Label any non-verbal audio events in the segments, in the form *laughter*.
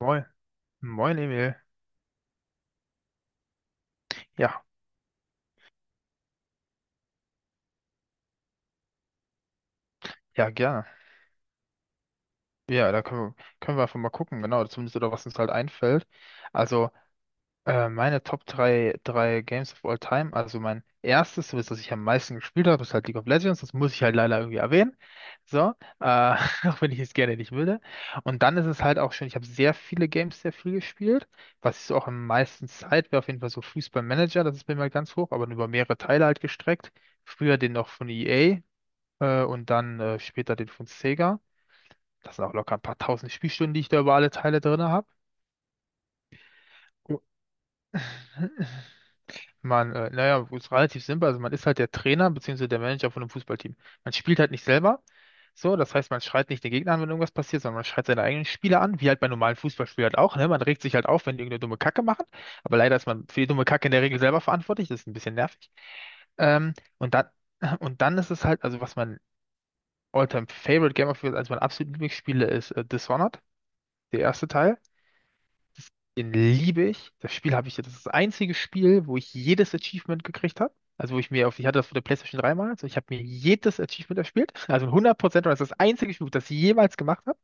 Moin, moin Emil. Ja, ja, gerne. Ja, da können wir einfach mal gucken, genau, zumindest oder was uns halt einfällt. Also, meine Top drei Games of All Time, also mein erstes, so das ich am meisten gespielt habe, ist halt League of Legends, das muss ich halt leider irgendwie erwähnen. So, äh, *laughs* auch wenn ich es gerne nicht würde. Und dann ist es halt auch schon, ich habe sehr viele Games sehr viel gespielt. Was ich so auch am meisten Zeit wäre, auf jeden Fall so Fußballmanager, das ist bei mir halt ganz hoch, aber über mehrere Teile halt gestreckt. Früher den noch von EA, und dann später den von Sega. Das sind auch locker ein paar tausend Spielstunden, die ich da über alle Teile drin habe. Oh, *clears throat* Man, naja, ist relativ simpel. Also man ist halt der Trainer bzw. der Manager von einem Fußballteam. Man spielt halt nicht selber. So, das heißt, man schreit nicht den Gegner an, wenn irgendwas passiert, sondern man schreit seine eigenen Spieler an, wie halt bei normalen Fußballspielern halt auch, ne? Man regt sich halt auf, wenn die irgendeine dumme Kacke machen. Aber leider ist man für die dumme Kacke in der Regel selber verantwortlich. Das ist ein bisschen nervig. Ähm, und dann, *clears throat* und dann ist es halt, also was mein All-Time-Favorite Game of Thrones, eines meiner absoluten Lieblingsspiele ist, Dishonored. Der erste Teil, das, den liebe ich. Das Spiel habe ich, das ist das einzige Spiel, wo ich jedes Achievement gekriegt habe. Also wo ich mir auf, ich hatte das für der PlayStation 3 mal, also ich habe mir jedes Achievement erspielt. Also ein 100%, Prozent. Das ist das einzige Spiel, das ich jemals gemacht habe.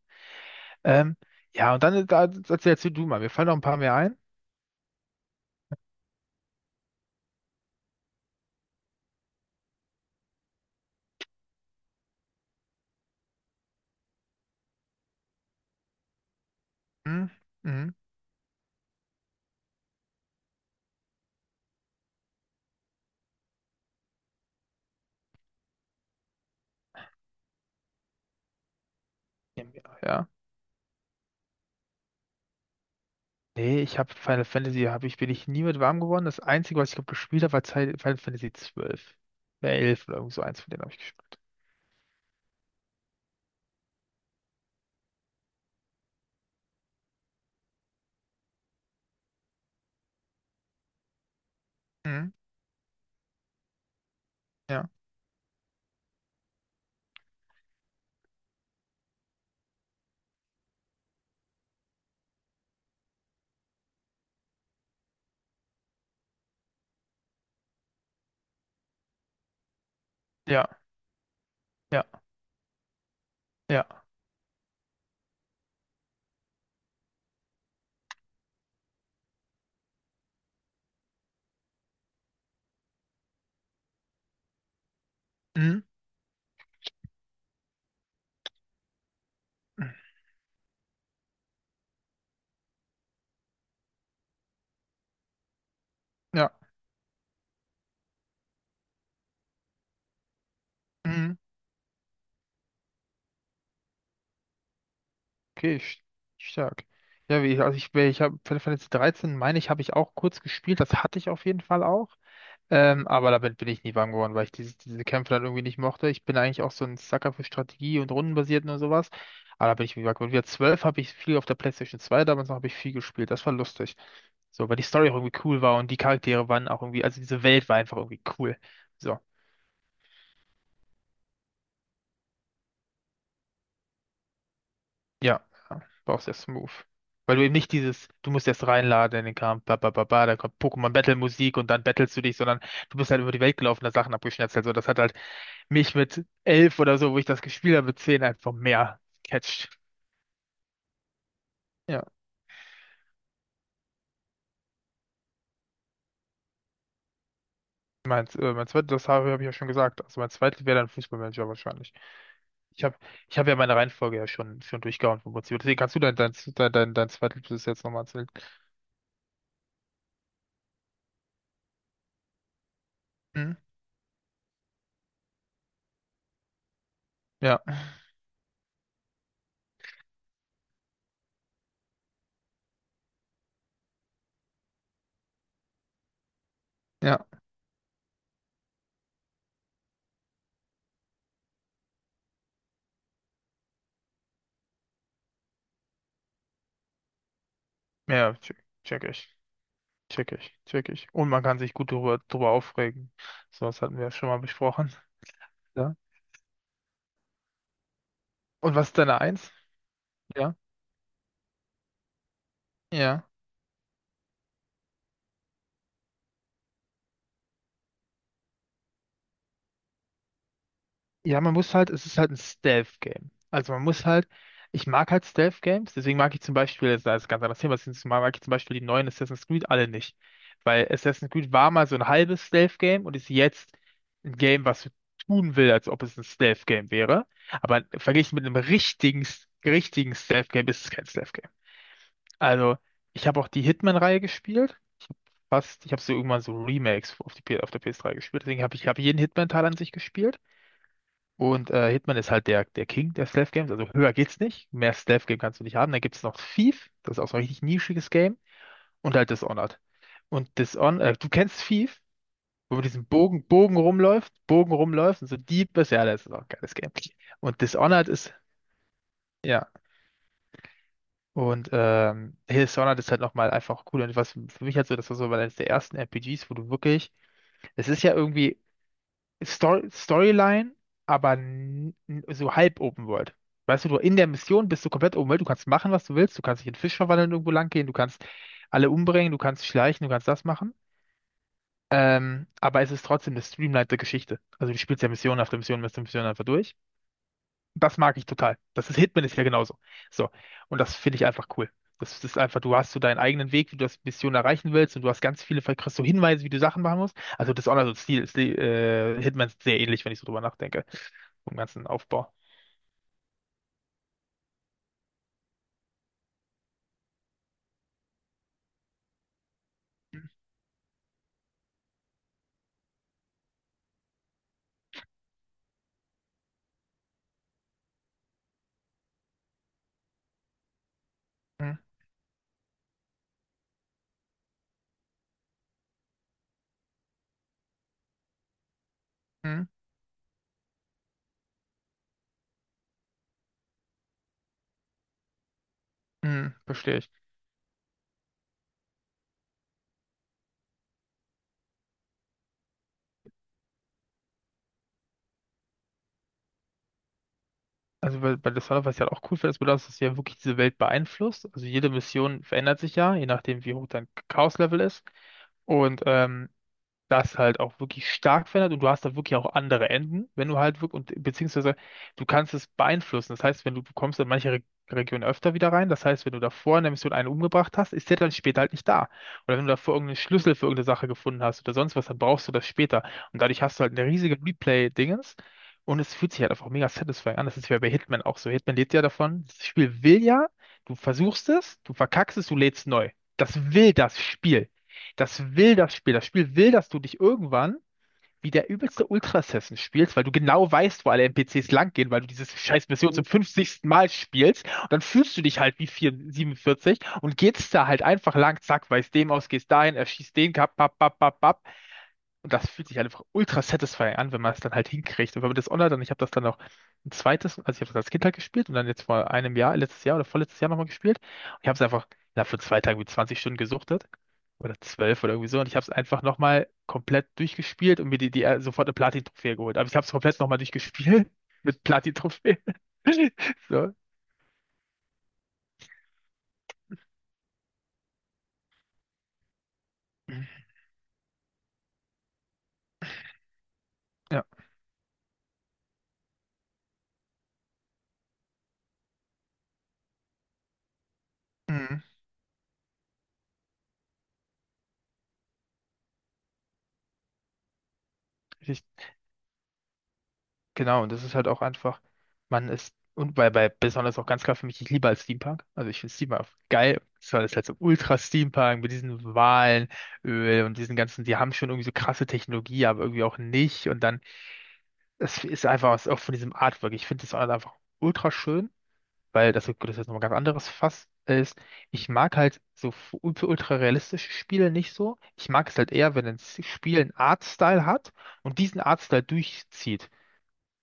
Ähm, ja, und dann da, erzählst du mal, mir fallen noch ein paar mehr ein. Hm, mhm. Ja, ja. Nee, ich habe Final Fantasy, hab ich, bin ich nie mit warm geworden. Das einzige, was ich glaub, gespielt habe, war Zeit Final Fantasy 12. Ja, 11 oder irgend so eins von denen habe ich gespielt. Mhm. Ja, ja, ja, ja. Mhm. Ja, mhm. Okay, stark. Ja, wie, also ich habe Final Fantasy 13, meine ich, habe ich auch kurz gespielt, das hatte ich auf jeden Fall auch. Aber damit bin ich nie warm geworden, weil ich diese Kämpfe dann irgendwie nicht mochte. Ich bin eigentlich auch so ein Sucker für Strategie und Rundenbasierten und sowas. Aber da bin ich wie warm geworden. Wieder 12 habe ich viel auf der PlayStation 2, damals noch habe ich viel gespielt. Das war lustig. So, weil die Story auch irgendwie cool war und die Charaktere waren auch irgendwie, also diese Welt war einfach irgendwie cool. So. Ja, ja, brauchst erst Move. Weil du eben nicht dieses, du musst erst reinladen in den Kampf, ba, ba, ba, ba, da kommt Pokémon Battle Musik und dann battlest du dich, sondern du bist halt über die Welt gelaufen, da Sachen abgeschnetzelt. So, das hat halt mich mit 11 oder so, wo ich das gespielt habe, mit 10 einfach mehr catcht. Ja. Mein zweites, habe ich ja schon gesagt. Also mein zweites wäre dann Fußballmanager wahrscheinlich. Ich habe ich hab ja meine Reihenfolge ja schon durchgehauen vom Prinzip. Deswegen kannst du dein zweites jetzt nochmal erzählen. Hm? Ja, ja, ja, check ich. Check ich, check ich. Und man kann sich gut drüber aufregen. So, das hatten wir ja schon mal besprochen. Ja. Und was ist deine Eins? Ja. Ja. Ja, man muss halt, es ist halt ein Stealth-Game. Also man muss halt, ich mag halt Stealth-Games, deswegen mag ich zum Beispiel, das ist ein ganz anderes Thema, deswegen mag ich zum Beispiel die neuen Assassin's Creed alle nicht. Weil Assassin's Creed war mal so ein halbes Stealth-Game und ist jetzt ein Game, was so tun will, als ob es ein Stealth-Game wäre. Aber verglichen mit einem richtigen, richtigen Stealth-Game ist es kein Stealth-Game. Also, ich habe auch die Hitman-Reihe gespielt. Fast, ich habe so irgendwann so Remakes auf der PS3 gespielt. Deswegen hab jeden Hitman-Teil an sich gespielt. Und Hitman ist halt der King der Stealth Games. Also höher geht's nicht. Mehr Stealth Game kannst du nicht haben. Dann gibt es noch Thief. Das ist auch so ein richtig nischiges Game. Und halt Dishonored. Und Dishonored, du kennst Thief, wo man diesen Bogen rumläuft und so Dieb ist. Ja, das ist auch ein geiles Game. Und Dishonored ist, ja. Und Hell's Sauna ist halt nochmal einfach cool. Und was für mich halt so, das war so eines der ersten RPGs, wo du wirklich, es ist ja irgendwie Story Storyline, aber so halb Open World. Weißt du, in der Mission bist du komplett Open World, du kannst machen, was du willst, du kannst dich in Fisch verwandeln, irgendwo lang gehen, du kannst alle umbringen, du kannst schleichen, du kannst das machen. Aber es ist trotzdem eine streamlinete Geschichte. Also du spielst ja Mission nach der Mission, nach der Mission einfach durch. Das mag ich total. Das ist Hitman ist ja genauso. So. Und das finde ich einfach cool. Das ist einfach, du hast so deinen eigenen Weg, wie du das Mission erreichen willst und du hast ganz viele, vielleicht kriegst du Hinweise, wie du Sachen machen musst. Also das Honor, so Hitman ist sehr ähnlich, wenn ich so drüber nachdenke. Vom ganzen Aufbau. Hm, hm, Verstehe ich. Also bei Dishonored, was ich halt auch cool finde, ist, dass das ja wirklich diese Welt beeinflusst. Also jede Mission verändert sich ja, je nachdem, wie hoch dein Chaos-Level ist. Und das halt auch wirklich stark verändert und du hast da wirklich auch andere Enden, wenn du halt wirklich, und beziehungsweise du kannst es beeinflussen. Das heißt, wenn du, du kommst in manche Re Regionen öfter wieder rein, das heißt, wenn du davor in der Mission einen umgebracht hast, ist der dann später halt nicht da. Oder wenn du davor irgendeinen Schlüssel für irgendeine Sache gefunden hast oder sonst was, dann brauchst du das später. Und dadurch hast du halt eine riesige Replay-Dingens. Und es fühlt sich halt einfach mega satisfying an. Das ist ja bei Hitman auch so. Hitman lebt ja davon. Das Spiel will ja, du versuchst es, du verkackst es, du lädst neu. Das will das Spiel. Das will das Spiel. Das Spiel will, dass du dich irgendwann wie der übelste Ultra-Assassin spielst, weil du genau weißt, wo alle NPCs langgehen, weil du dieses scheiß Mission zum 50. Mal spielst. Und dann fühlst du dich halt wie 4, 47 und gehst da halt einfach lang, zack, weißt dem aus, gehst dahin, erschießt den, kap, pap, pap, pap, pap. Und das fühlt sich halt einfach ultra satisfying an, wenn man es dann halt hinkriegt. Und wenn man das online dann, ich habe das dann auch ein zweites, also ich habe das als Kind halt gespielt und dann jetzt vor einem Jahr, letztes Jahr oder vorletztes Jahr nochmal gespielt. Und ich habe für 2 Tage wie 20 Stunden gesuchtet oder 12 oder irgendwie so. Und ich habe es einfach nochmal komplett durchgespielt und mir die, die sofort eine Platin-Trophäe geholt. Aber ich habe es komplett nochmal durchgespielt *laughs* mit Platin-Trophäe. *laughs* So. Ja. Mhm. Richtig, genau. Und das ist halt auch einfach, man ist, und bei besonders auch ganz klar für mich, ich liebe halt Steampunk. Also ich finde Steampunk geil. Das war das halt so Ultra-Steampunk mit diesen Walenöl und diesen ganzen, die haben schon irgendwie so krasse Technologie, aber irgendwie auch nicht. Und dann, es ist einfach was auch von diesem Artwork. Ich finde das halt einfach ultra schön. Weil das, gut, das ist nochmal ganz anderes Fass ist. Ich mag halt so ultra realistische Spiele nicht so. Ich mag es halt eher, wenn ein Spiel einen Artstyle hat und diesen Artstyle durchzieht.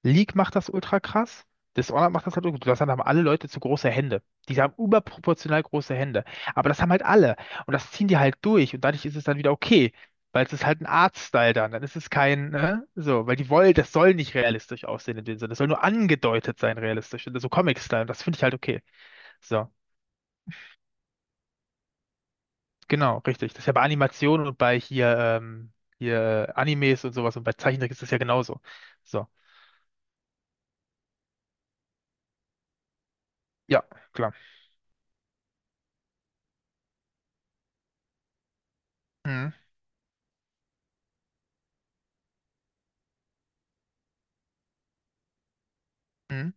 League macht das ultra krass. Dishonored macht das halt, das haben alle Leute zu große Hände. Die haben überproportional große Hände. Aber das haben halt alle. Und das ziehen die halt durch. Und dadurch ist es dann wieder okay. Weil es ist halt ein Artstyle dann. Dann ist es kein, ne? So, weil die wollen, das soll nicht realistisch aussehen in dem Sinne. Das soll nur angedeutet sein, realistisch. So Comic-Style. Das finde ich halt okay. So, genau, richtig. Das ist ja bei Animationen und bei hier, hier Animes und sowas und bei Zeichentrick ist das ja genauso. So, ja, klar. Mhm. Mhm.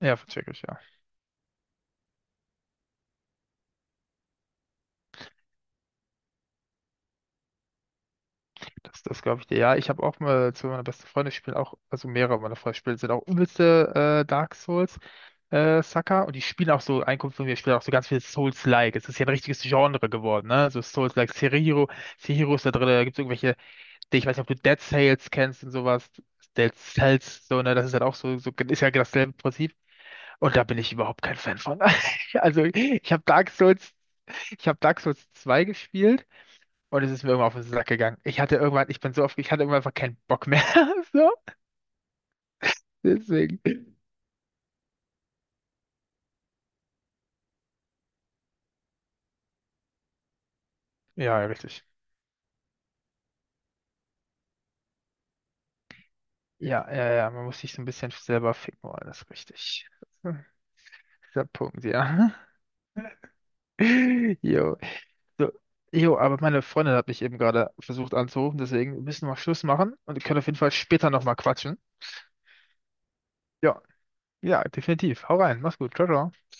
Ja, vercheck ich, ja. Das glaube ich dir. Ja, ich habe auch mal zu meiner besten Freundin spielen auch, also mehrere meiner Freunde spielen, sind auch übelste Dark Souls Sucker und die spielen auch so, ein Kumpel von mir spielt auch so ganz viel Souls-like. Es ist ja ein richtiges Genre geworden, ne? So Souls-like, Sekiro ist da drin, da gibt es irgendwelche, ich weiß nicht, ob du Dead Sales kennst und sowas. Dead Cells, so, ne, das ist halt auch so, ist ja dasselbe Prinzip. Und da bin ich überhaupt kein Fan von. *laughs* Also, ich habe Dark Souls 2 gespielt und es ist mir irgendwann auf den Sack gegangen. Ich hatte irgendwann, ich bin so oft, ich hatte irgendwann einfach keinen Bock mehr. *laughs* So, deswegen. Ja, ja, richtig. Ja, ja, ja, man muss sich so ein bisschen selber ficken wollen, das ist richtig. *laughs* Das ist der Punkt, ja. *laughs* Jo, so, jo, aber meine Freundin hat mich eben gerade versucht anzurufen, deswegen müssen wir Schluss machen und wir können auf jeden Fall später nochmal quatschen. Ja, ja, definitiv. Hau rein, mach's gut. Ciao, ciao.